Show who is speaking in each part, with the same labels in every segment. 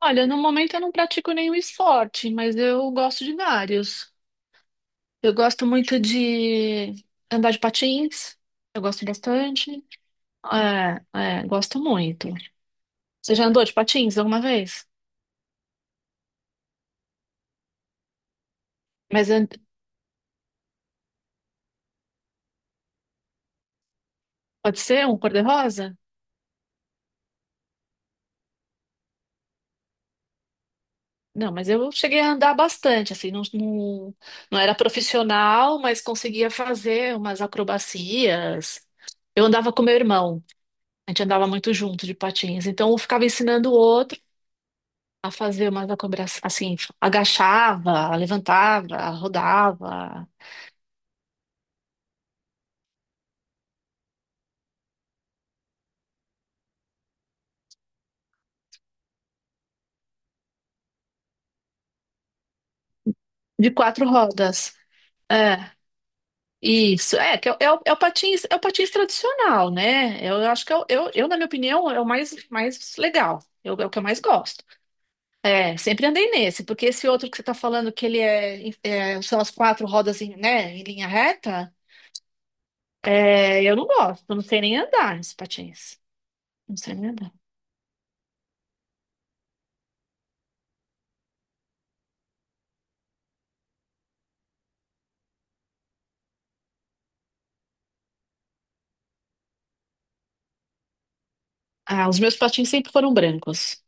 Speaker 1: Olha, no momento eu não pratico nenhum esporte, mas eu gosto de vários. Eu gosto muito de andar de patins, eu gosto bastante. É, é, gosto muito. Você já andou de patins alguma vez? Mas an- Pode ser um cor-de-rosa? Não, mas eu cheguei a andar bastante, assim, não, não, não era profissional, mas conseguia fazer umas acrobacias. Eu andava com meu irmão, a gente andava muito junto de patins, então eu ficava ensinando o outro a fazer umas acobrações, assim, agachava, levantava, rodava, de quatro rodas. É, isso. É, que é, o, é o é o patins tradicional, né? Eu acho que na minha opinião, é o mais legal. É o que eu mais gosto. É, sempre andei nesse, porque esse outro que você tá falando que ele são as quatro rodas né, em linha reta, é, eu não gosto, eu não sei nem andar nesse patins. Não sei nem andar. Ah, os meus patins sempre foram brancos.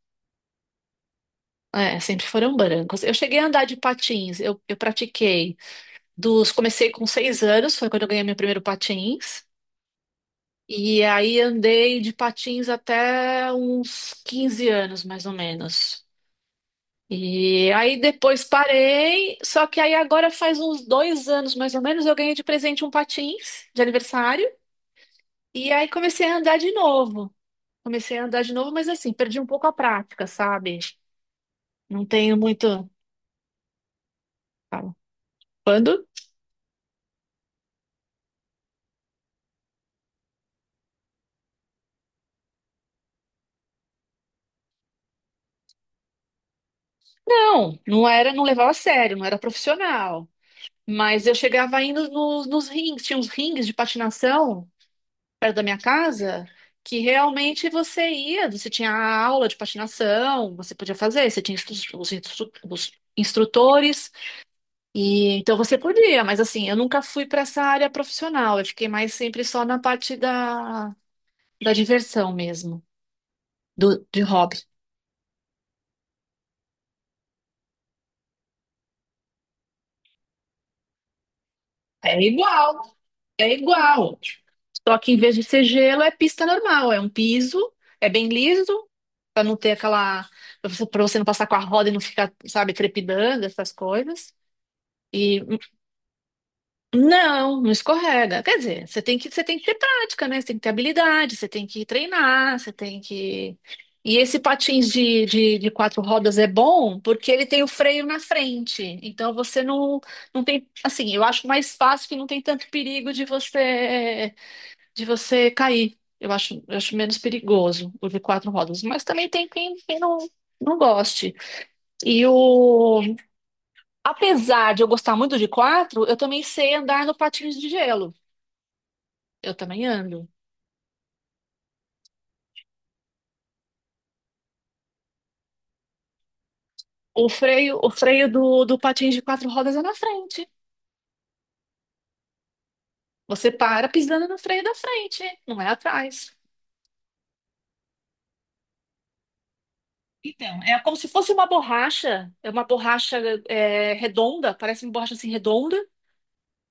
Speaker 1: É, sempre foram brancos. Eu cheguei a andar de patins, eu pratiquei comecei com 6 anos, foi quando eu ganhei meu primeiro patins, e aí andei de patins até uns 15 anos, mais ou menos. E aí depois parei, só que aí agora faz uns 2 anos, mais ou menos, eu ganhei de presente um patins de aniversário, e aí comecei a andar de novo. Comecei a andar de novo, mas assim, perdi um pouco a prática, sabe? Não tenho muito. Fala. Quando? Não, não era, não levava a sério, não era profissional. Mas eu chegava indo nos rings, tinha uns rings de patinação perto da minha casa, que realmente você ia, você tinha a aula de patinação, você podia fazer, você tinha instru- os instrutores, e então você podia, mas assim, eu nunca fui para essa área profissional, eu fiquei mais sempre só na parte da diversão mesmo, de hobby. É igual. É igual. Só que em vez de ser gelo, é pista normal. É um piso, é bem liso, pra não ter aquela. Pra você não passar com a roda e não ficar, sabe, trepidando, essas coisas. E não, não escorrega. Quer dizer, você tem que ter prática, né? Você tem que ter habilidade, você tem que treinar, você tem que. E esse patins de quatro rodas é bom porque ele tem o freio na frente. Então você não, não tem. Assim, eu acho mais fácil que não tem tanto perigo de você cair. Eu acho menos perigoso o de quatro rodas, mas também tem quem não, não goste. E o, Apesar de eu gostar muito de quatro, eu também sei andar no patins de gelo. Eu também ando. O freio do patins de quatro rodas é na frente. Você para pisando no freio da frente, não é atrás. Então, é como se fosse uma borracha, é uma borracha redonda, parece uma borracha assim redonda.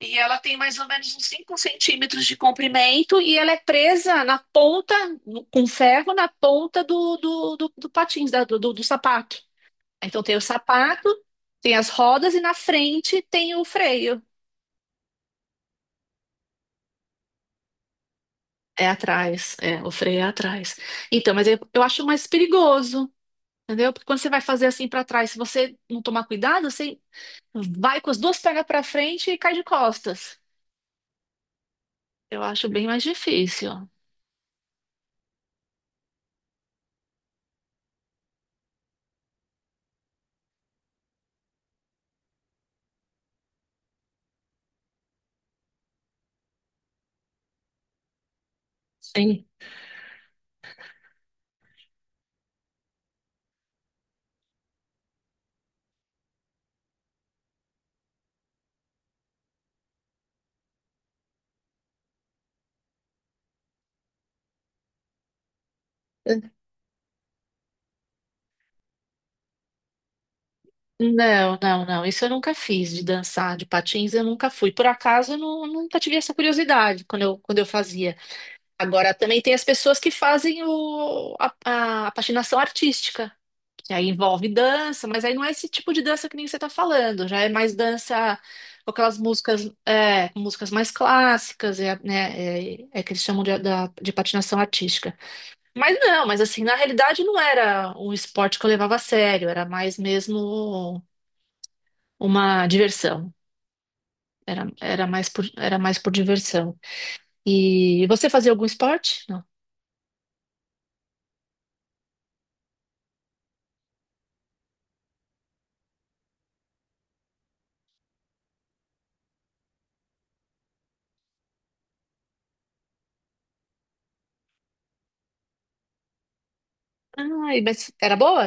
Speaker 1: E ela tem mais ou menos uns 5 centímetros de comprimento e ela é presa na ponta, com ferro, na ponta do patins, do sapato. Então tem o sapato, tem as rodas e na frente tem o freio. É atrás, é, o freio é atrás. Então, mas eu acho mais perigoso, entendeu? Porque quando você vai fazer assim para trás, se você não tomar cuidado, você vai com as duas pernas para frente e cai de costas. Eu acho bem mais difícil. Sim. Não, não, não. Isso eu nunca fiz de dançar de patins, eu nunca fui. Por acaso, eu nunca tive essa curiosidade quando eu fazia. Agora, também tem as pessoas que fazem a patinação artística, que aí envolve dança, mas aí não é esse tipo de dança que nem você está falando. Já é mais dança com aquelas músicas, é, com músicas mais clássicas, é que eles chamam de patinação artística. Mas não, mas assim, na realidade não era um esporte que eu levava a sério, era mais mesmo uma diversão. Era mais por diversão. E você fazia algum esporte? Não. Ai, mas era boa?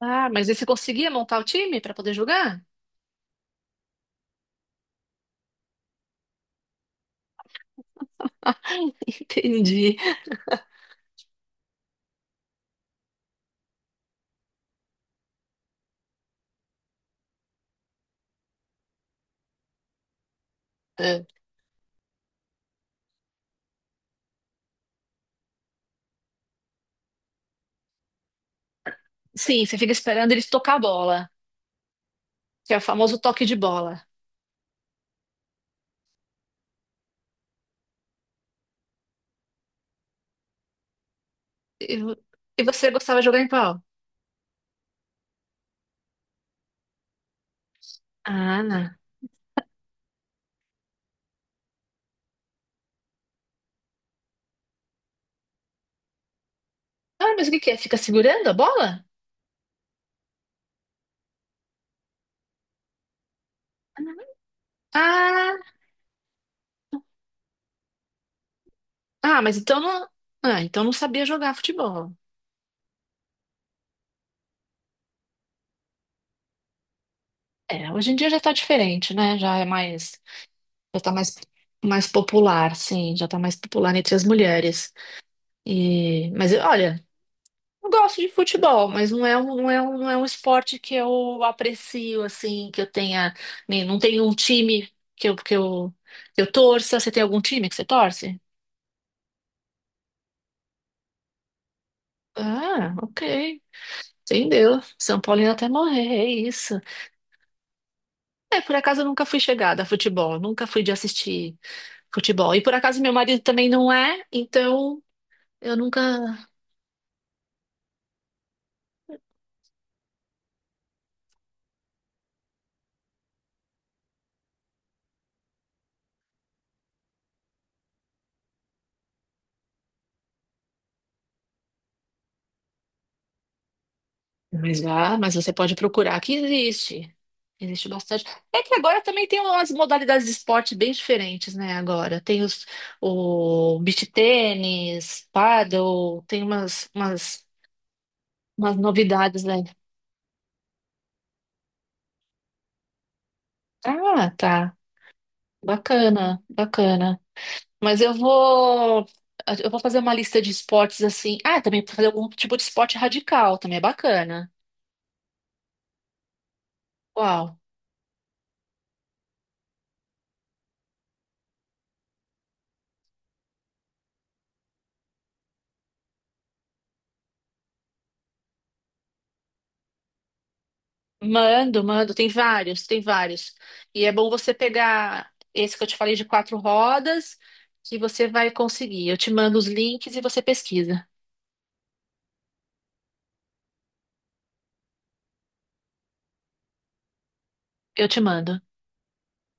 Speaker 1: Ah, mas aí você conseguia montar o time para poder jogar? Entendi. É. Sim, você fica esperando eles tocar a bola, que é o famoso toque de bola. E, vo- e você gostava de jogar em qual? Ah, não. Ah, mas o que que é? Fica segurando a bola? Ah, ah, mas então não, então não sabia jogar futebol. É, hoje em dia já tá diferente, né? Já é mais. Já tá mais popular, sim, já tá mais popular entre as mulheres. Olha, eu gosto de futebol, mas não é um, não é um, não é um esporte que eu aprecio, assim, que eu tenha. Não tenho um time que eu torça. Você tem algum time que você torce? Ah, ok. Entendeu? São Paulino até morrer, é isso. É, por acaso eu nunca fui chegada a futebol, nunca fui de assistir futebol. E por acaso meu marido também não é, então eu nunca. Mas você pode procurar que existe. Existe bastante. É que agora também tem umas modalidades de esporte bem diferentes, né? Agora tem o beach tênis, paddle, tem umas novidades, né? Ah, tá. Bacana, bacana. Mas eu vou fazer uma lista de esportes assim. Ah, também fazer algum tipo de esporte radical, também é bacana. Uau. Mando, mando, tem vários, tem vários. E é bom você pegar esse que eu te falei de quatro rodas, que você vai conseguir. Eu te mando os links e você pesquisa. Eu te mando.